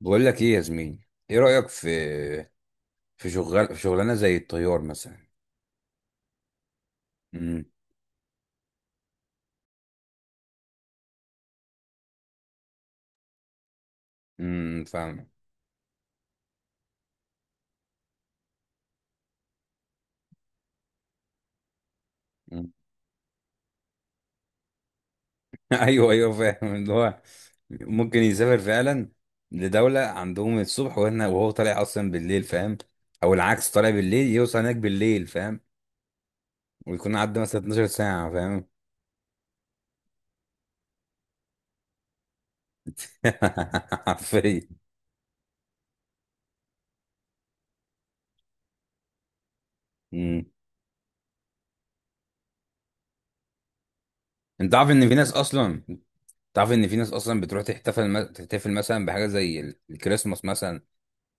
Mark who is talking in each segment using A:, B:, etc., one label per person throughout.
A: بقول لك ايه يا زميلي، ايه رأيك في شغلانه زي الطيار مثلا. امم. امم، فاهم. مم. ايوه ايوه فاهم اللي هو ممكن يسافر فعلا لدولة عندهم الصبح وهنا وهو طالع اصلا بالليل، فاهم، او العكس طالع بالليل يوصل هناك بالليل، فاهم، ويكون عدى مثلا 12 ساعة، فاهم. حرفيا. مم. انت عارف ان في ناس اصلا، تعرف ان في ناس اصلا بتروح تحتفل مثلا بحاجه زي الكريسماس مثلا،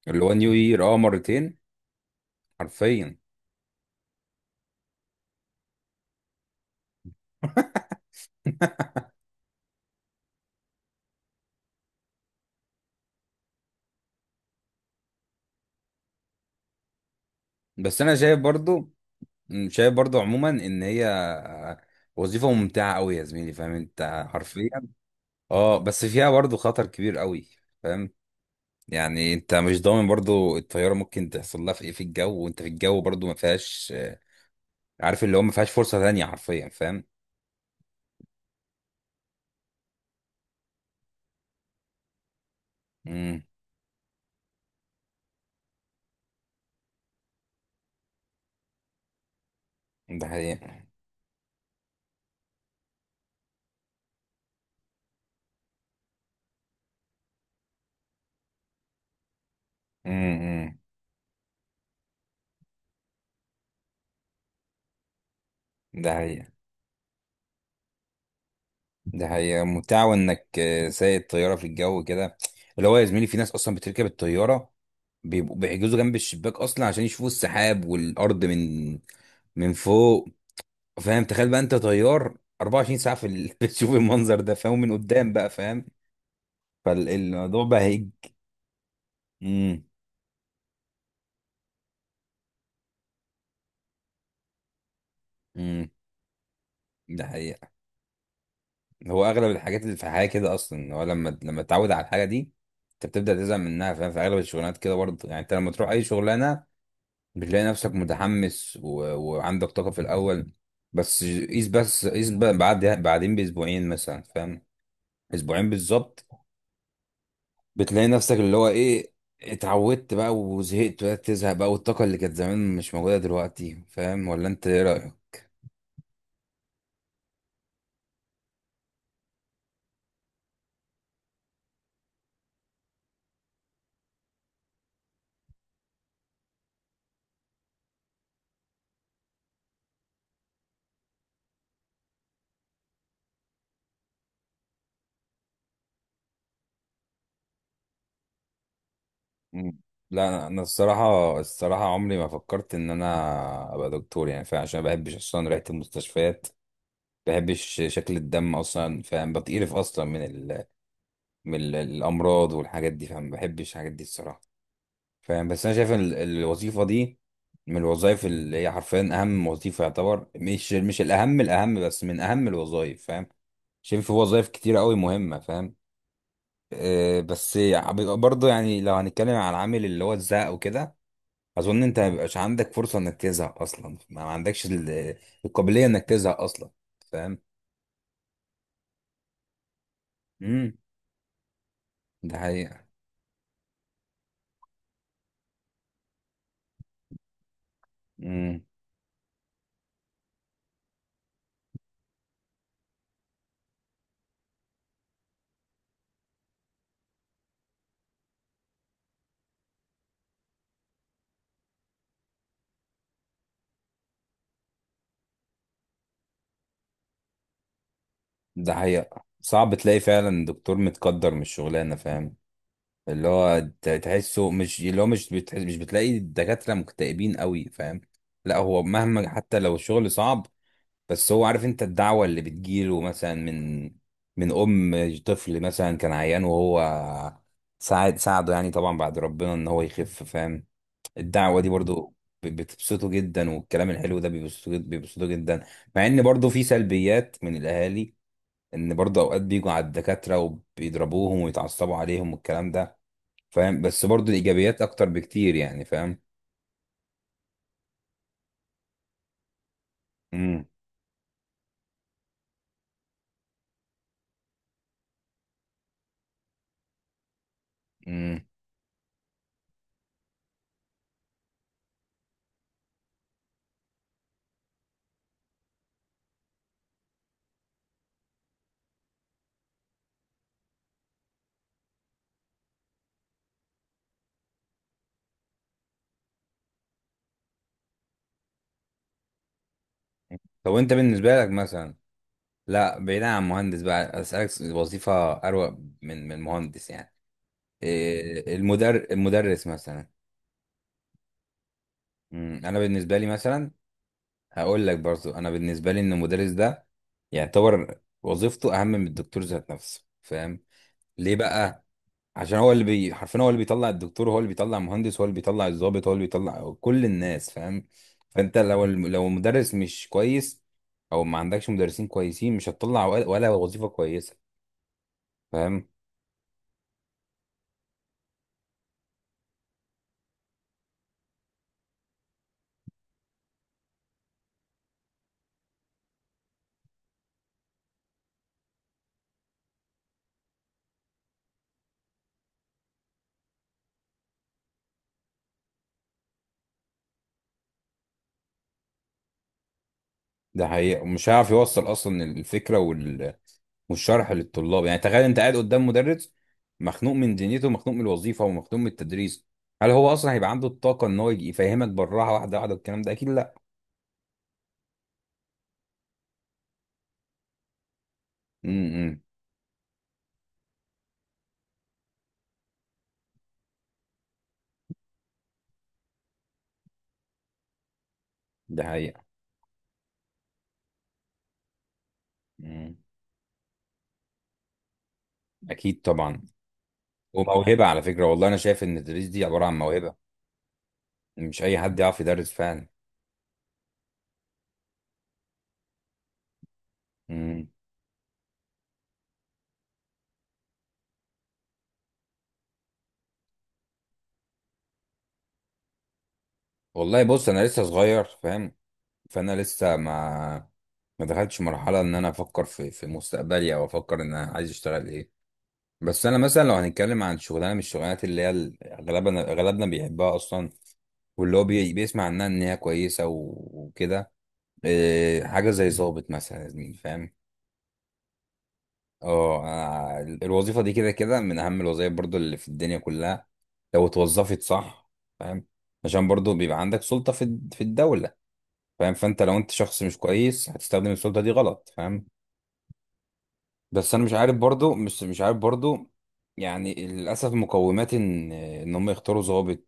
A: اللي هو نيو يير، مرتين حرفيا. بس انا شايف برضو، عموما ان هي وظيفة ممتعة قوي يا زميلي، فاهم انت حرفيا. اه، بس فيها برضو خطر كبير قوي، فاهم. يعني انت مش ضامن برضو الطيارة ممكن تحصل لها في ايه في الجو وانت في الجو برضو ما فيهاش، عارف اللي هو ما فيهاش فرصة تانية حرفيا، فاهم. امم. ده حقيقة. امم. ده حقيقة، ده حقيقة ممتعة وانك سايق الطيارة في الجو كده، اللي هو يا زميلي في ناس اصلا بتركب الطيارة بيبقوا بيحجزوا جنب الشباك اصلا عشان يشوفوا السحاب والارض من من فوق، فاهم، تخيل بقى انت طيار 24 ساعه بتشوف المنظر ده، فاهم، من قدام بقى، فاهم. فالموضوع بقى هيج، امم امم ده حقيقه. هو اغلب الحاجات اللي في الحياه كده اصلا هو لما تتعود على الحاجه دي انت بتبدا تزهق منها، فاهم، في اغلب الشغلانات كده برضه، يعني انت لما تروح اي شغلانه بتلاقي نفسك متحمس وعندك طاقه في الاول، بس قيس بقى بعدين باسبوعين مثلا، فاهم، اسبوعين بالظبط، بتلاقي نفسك اللي هو ايه، اتعودت بقى وزهقت وبدأت تزهق بقى والطاقة اللي كانت زمان مش موجودة دلوقتي، فاهم، ولا انت ايه رأيك؟ مم. لا انا الصراحة، الصراحة عمري ما فكرت ان انا ابقى دكتور يعني، فاهم، عشان ما بحبش اصلا ريحة المستشفيات، ما بحبش شكل الدم اصلا، فاهم، بتقرف اصلا الامراض والحاجات دي، فاهم، ما بحبش الحاجات دي الصراحة، فاهم، بس انا شايف ان الوظيفه دي من الوظائف اللي هي حرفيا اهم وظيفه يعتبر، مش الاهم، الاهم بس من اهم الوظائف، فاهم، شايف في وظائف كتير قوي مهمه، فاهم. أه بس بيبقى برضه يعني لو هنتكلم على العامل اللي هو الزهق وكده، اظن انت ما بيبقاش عندك فرصه انك تزهق اصلا، ما عندكش القابليه انك تزهق اصلا، فاهم. امم. ده حقيقه. امم. ده حقيقه، صعب تلاقي فعلا دكتور متقدر من الشغلانه، فاهم، اللي هو تحسه، مش اللي هو مش بتحس، مش بتلاقي الدكاترة مكتئبين قوي، فاهم، لا هو مهما حتى لو الشغل صعب بس هو عارف انت الدعوة اللي بتجيله مثلا من ام طفل مثلا كان عيان وهو ساعده يعني طبعا بعد ربنا ان هو يخف، فاهم، الدعوة دي برضو بتبسطه جدا والكلام الحلو ده بيبسطه بيبسطه جدا، مع ان برضو في سلبيات من الاهالي، ان برضو اوقات بيجوا على الدكاترة وبيضربوهم ويتعصبوا عليهم والكلام ده، فاهم، بس برضو الايجابيات اكتر بكتير يعني، فاهم. امم. امم. طب وانت بالنسبه لك مثلا، لا بعيدا عن مهندس بقى اسالك وظيفه اروق من مهندس يعني، إيه، المدرس مثلا. انا بالنسبه لي مثلا هقول لك برضو، انا بالنسبه لي ان المدرس ده يعتبر وظيفته اهم من الدكتور ذات نفسه، فاهم، ليه بقى؟ عشان هو اللي حرفيا هو اللي بيطلع الدكتور، هو اللي بيطلع المهندس، هو اللي بيطلع الضابط، هو اللي بيطلع كل الناس، فاهم، فانت لو لو المدرس مش كويس او ما عندكش مدرسين كويسين مش هتطلع ولا وظيفة كويسة، فاهم. ده حقيقة، ومش هيعرف يوصل اصلا الفكرة والشرح للطلاب، يعني تخيل انت قاعد قدام مدرس مخنوق من دنيته، مخنوق من الوظيفة، ومخنوق من التدريس، هل هو اصلا هيبقى عنده الطاقة ان هو يفهمك بالراحة واحدة واحدة والكلام ده؟ اكيد لا. امم. ده حقيقة. امم. اكيد طبعا. وموهبة على فكرة، والله أنا شايف إن التدريس دي عبارة عن موهبة، مش أي حد يعرف يدرس فعلا. مم. والله بص، أنا لسه صغير، فاهم، فأنا لسه ما دخلتش مرحلة إن أنا أفكر في مستقبلي أو أفكر إن أنا عايز أشتغل إيه، بس أنا مثلا لو هنتكلم عن شغلانة من الشغلانات اللي هي أغلبنا بيحبها أصلا، واللي هو بيسمع عنها إن هي كويسة وكده، إيه، حاجة زي ظابط مثلا يا زميلي، فاهم. اه، أنا الوظيفة دي كده كده من أهم الوظائف برضو اللي في الدنيا كلها لو اتوظفت صح، فاهم، عشان برضو بيبقى عندك سلطة في الدولة، فاهم، فأنت لو أنت شخص مش كويس هتستخدم السلطة دي غلط، فاهم. بس أنا مش عارف برضو مش مش عارف برضو، يعني للأسف مقومات إن هم يختاروا ضابط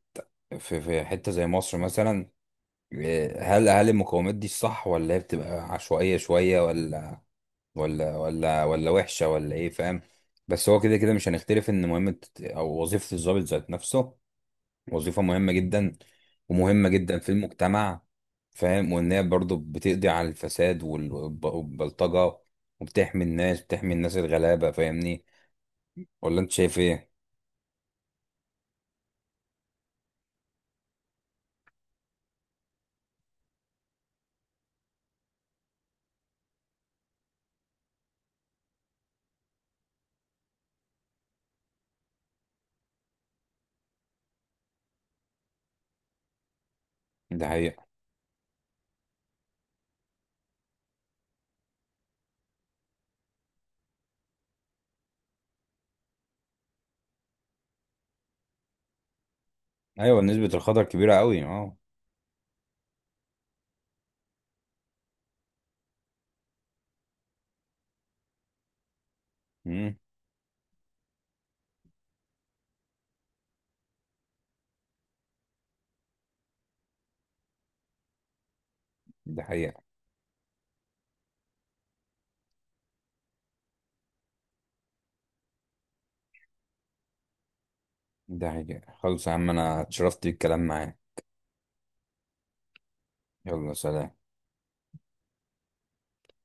A: في حتة زي مصر مثلا، إيه، هل المقومات دي الصح ولا هي بتبقى عشوائية شوية ولا وحشه ولا ايه، فاهم، بس هو كده كده مش هنختلف ان مهمه او وظيفه الضابط ذات نفسه وظيفه مهمه جدا ومهمه جدا في المجتمع، فاهم، وان هي برضه بتقضي على الفساد والبلطجه وبتحمي الناس، بتحمي الناس الغلابه، فاهمني. ولا انت شايف ايه؟ ده حقيقه. ايوه نسبه الخطر كبيره قوي، اه. امم. ده حقيقه. ده حقيقه، خلاص يا عم، انا اتشرفت بالكلام معاك. يلا سلام.